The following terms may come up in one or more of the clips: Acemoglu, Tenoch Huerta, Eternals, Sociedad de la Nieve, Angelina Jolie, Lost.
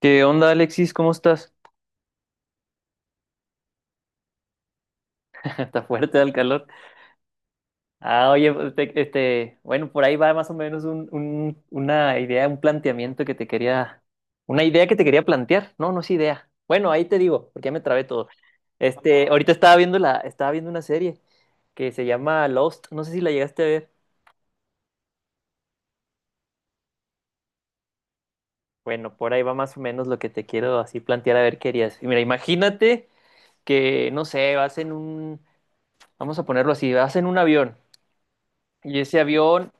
¿Qué onda, Alexis? ¿Cómo estás? Está fuerte el calor. Ah, oye, pues, bueno, por ahí va más o menos una idea, un planteamiento una idea que te quería plantear. No, no es idea. Bueno, ahí te digo, porque ya me trabé todo. Ahorita estaba viendo estaba viendo una serie que se llama Lost. No sé si la llegaste a ver. Bueno, por ahí va más o menos lo que te quiero así plantear a ver qué harías. Y mira, imagínate que, no sé, vamos a ponerlo así, vas en un avión y ese avión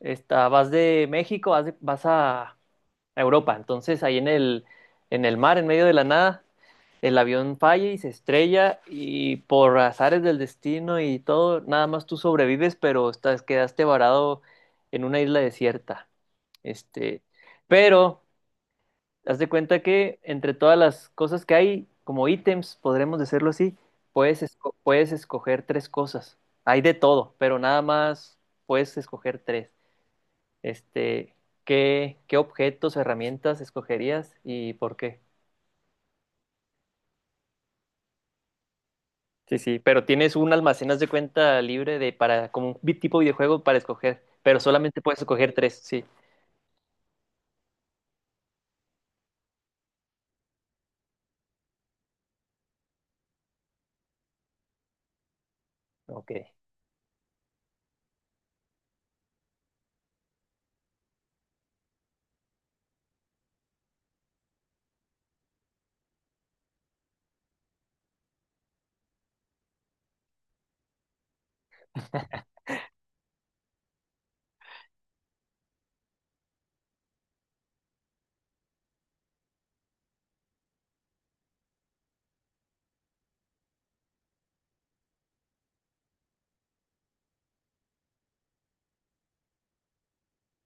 Vas de México, vas a Europa. Entonces, ahí en el mar, en medio de la nada, el avión falla y se estrella y por azares del destino y todo, nada más tú sobrevives, pero quedaste varado en una isla desierta. Este, pero haz de cuenta que entre todas las cosas que hay, como ítems, podremos decirlo así, puedes escoger tres cosas. Hay de todo, pero nada más puedes escoger tres. Este, qué objetos o herramientas escogerías y por qué? Sí, sí, pero tienes un almacén, haz de cuenta, libre de para, como un tipo videojuego para escoger, pero solamente puedes escoger tres, sí. Ok.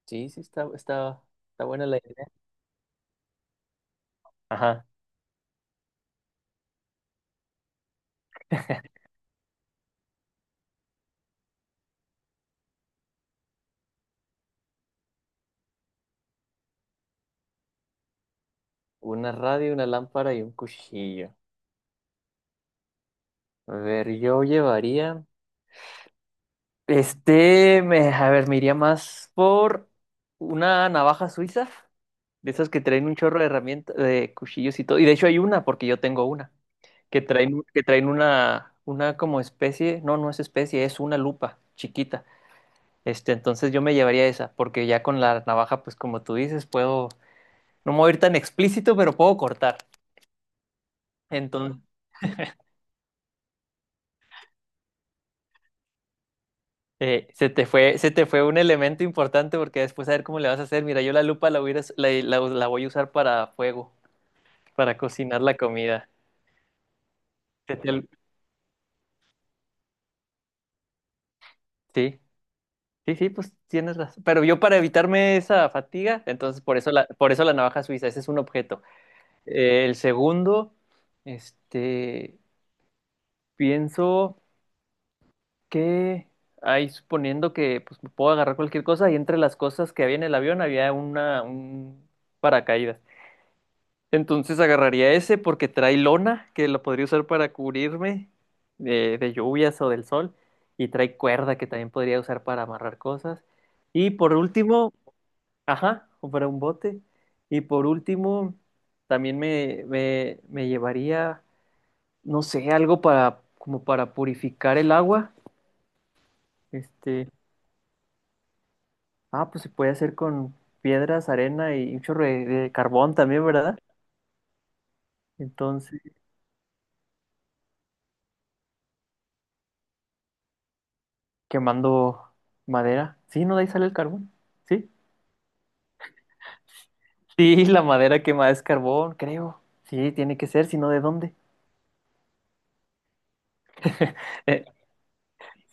Sí, sí, está buena la idea. Ajá. Una radio, una lámpara y un cuchillo. A ver, yo llevaría. A ver, me iría más por una navaja suiza. De esas que traen un chorro de herramientas, de cuchillos y todo. Y de hecho hay una, porque yo tengo una, que traen, que traen una como especie, no, no es especie, es una lupa chiquita. Entonces yo me llevaría esa, porque ya con la navaja, pues como tú dices, puedo, no me voy a ir tan explícito, pero puedo cortar. Entonces, se te fue un elemento importante porque después a ver cómo le vas a hacer. Mira, yo la lupa la voy a usar para fuego, para cocinar la comida. Se te ol- Sí. Sí, sí, pues tienes razón. Pero yo para evitarme esa fatiga, entonces por eso la navaja suiza, ese es un objeto. El segundo, este, pienso que ahí suponiendo que pues, me puedo agarrar cualquier cosa y entre las cosas que había en el avión había un paracaídas. Entonces agarraría ese porque trae lona que lo podría usar para cubrirme de lluvias o del sol y trae cuerda que también podría usar para amarrar cosas. Y por último... Ajá, o para un bote. Y por último, también me llevaría, no sé, algo para, como para purificar el agua. Este, ah, pues se puede hacer con piedras, arena y un chorro de carbón también, ¿verdad? Entonces, quemando madera. Sí, ¿no? De ahí sale el carbón. Sí. Sí, la madera quemada es carbón, creo. Sí, tiene que ser, si no, ¿de dónde?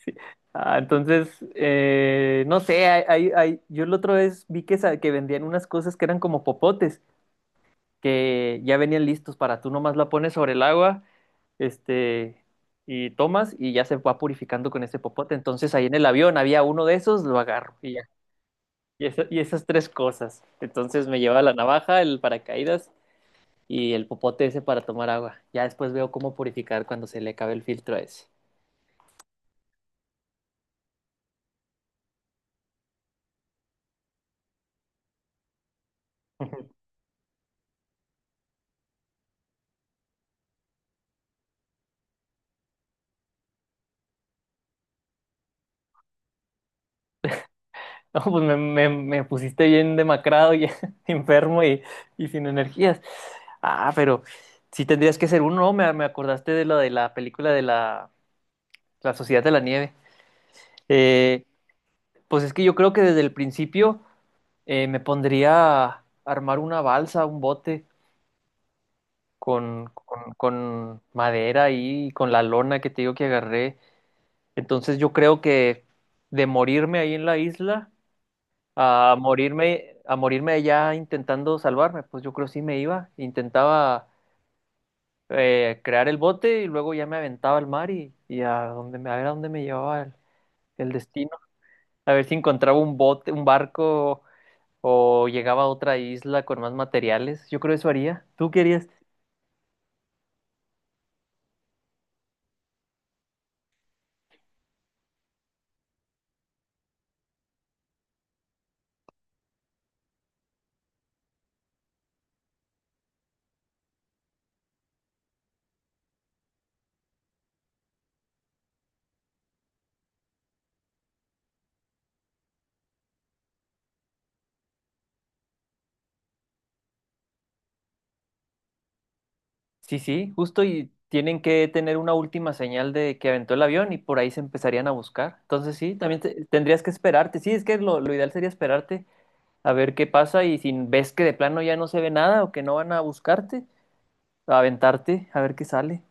Sí. Ah, entonces, no sé, yo la otra vez vi que vendían unas cosas que eran como popotes, que ya venían listos para tú nomás la pones sobre el agua, este, y tomas y ya se va purificando con ese popote. Entonces ahí en el avión había uno de esos, lo agarro y ya. Y esas tres cosas. Entonces me lleva la navaja, el paracaídas y el popote ese para tomar agua. Ya después veo cómo purificar cuando se le acabe el filtro a ese. No, pues me pusiste bien demacrado y enfermo y sin energías. Ah, pero sí tendrías que ser uno, ¿no? Me acordaste de lo de la película de la Sociedad de la Nieve. Eh, pues es que yo creo que desde el principio me pondría a armar una balsa, un bote con madera ahí y con la lona que te digo que agarré. Entonces yo creo que de morirme ahí en la isla a morirme ya intentando salvarme, pues yo creo que sí me iba, intentaba crear el bote y luego ya me aventaba al mar y a ver a dónde me llevaba el destino, a ver si encontraba un bote, un barco o llegaba a otra isla con más materiales, yo creo eso haría. ¿Tú querías? Sí, sí, justo y tienen que tener una última señal de que aventó el avión y por ahí se empezarían a buscar. Entonces sí, también tendrías que esperarte, sí, es que lo ideal sería esperarte a ver qué pasa y si ves que de plano ya no se ve nada o que no van a buscarte, a aventarte, a ver qué sale.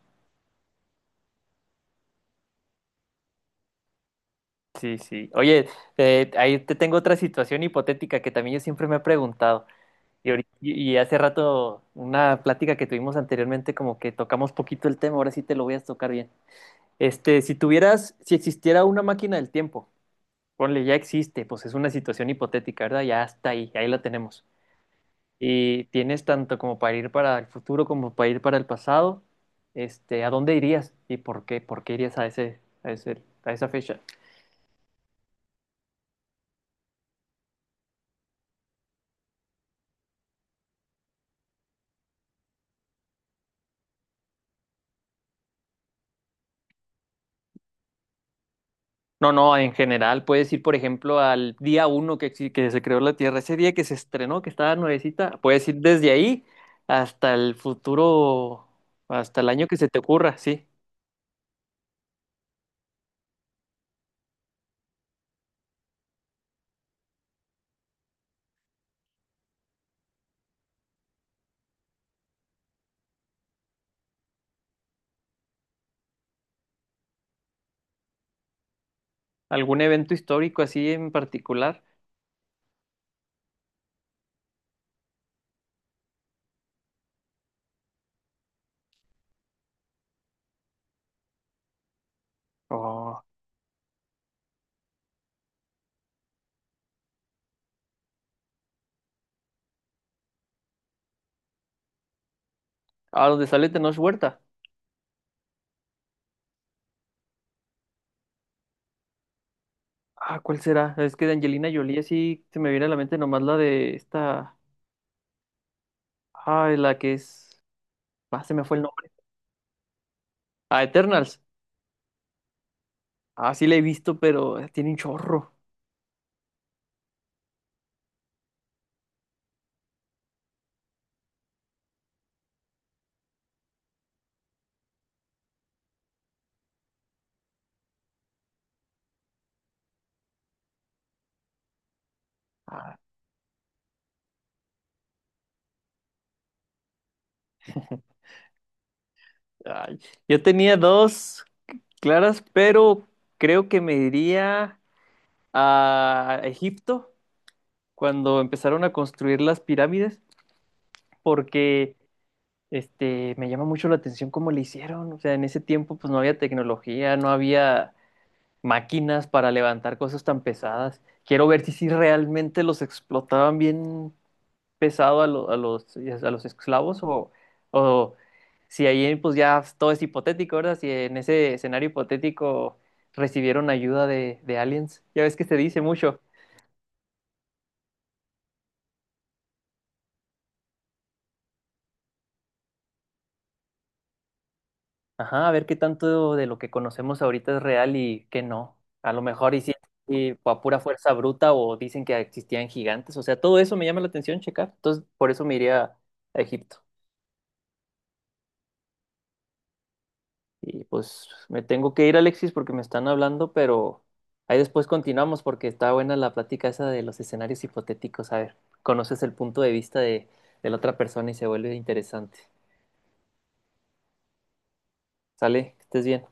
Sí, sí. Oye, ahí te tengo otra situación hipotética que también yo siempre me he preguntado. Y hace rato, una plática que tuvimos anteriormente, como que tocamos poquito el tema, ahora sí te lo voy a tocar bien. Si tuvieras, si existiera una máquina del tiempo, ponle, ya existe, pues es una situación hipotética, ¿verdad? Ya está ahí la tenemos. Y tienes tanto como para ir para el futuro como para ir para el pasado. ¿A dónde irías y por qué? ¿Por qué irías a esa fecha? No, no, en general puedes ir, por ejemplo, al día uno que, que se creó la Tierra, ese día que se estrenó, que estaba nuevecita, puedes ir desde ahí hasta el futuro, hasta el año que se te ocurra, sí. ¿Algún evento histórico así en particular? O a donde sale Tenoch Huerta. Ah, ¿cuál será? Es que de Angelina Jolie sí se me viene a la mente nomás la de esta. Ah, la que es. Ah, se me fue el nombre. Ah, Eternals. Ah, sí la he visto, pero tiene un chorro. Ah, ay. Yo tenía dos claras, pero creo que me iría a Egipto cuando empezaron a construir las pirámides, porque me llama mucho la atención cómo le hicieron. O sea, en ese tiempo pues no había tecnología, no había máquinas para levantar cosas tan pesadas. Quiero ver si realmente los explotaban bien pesado a los esclavos o si ahí pues ya todo es hipotético, ¿verdad? Si en ese escenario hipotético recibieron ayuda de aliens. Ya ves que se dice mucho. Ajá, a ver qué tanto de lo que conocemos ahorita es real y qué no. A lo mejor y sí, y a pura fuerza bruta o dicen que existían gigantes. O sea, todo eso me llama la atención checar. Entonces, por eso me iría a Egipto. Y pues me tengo que ir, Alexis, porque me están hablando, pero ahí después continuamos porque está buena la plática esa de los escenarios hipotéticos. A ver, conoces el punto de vista de la otra persona y se vuelve interesante. ¿Sale? Que estés bien.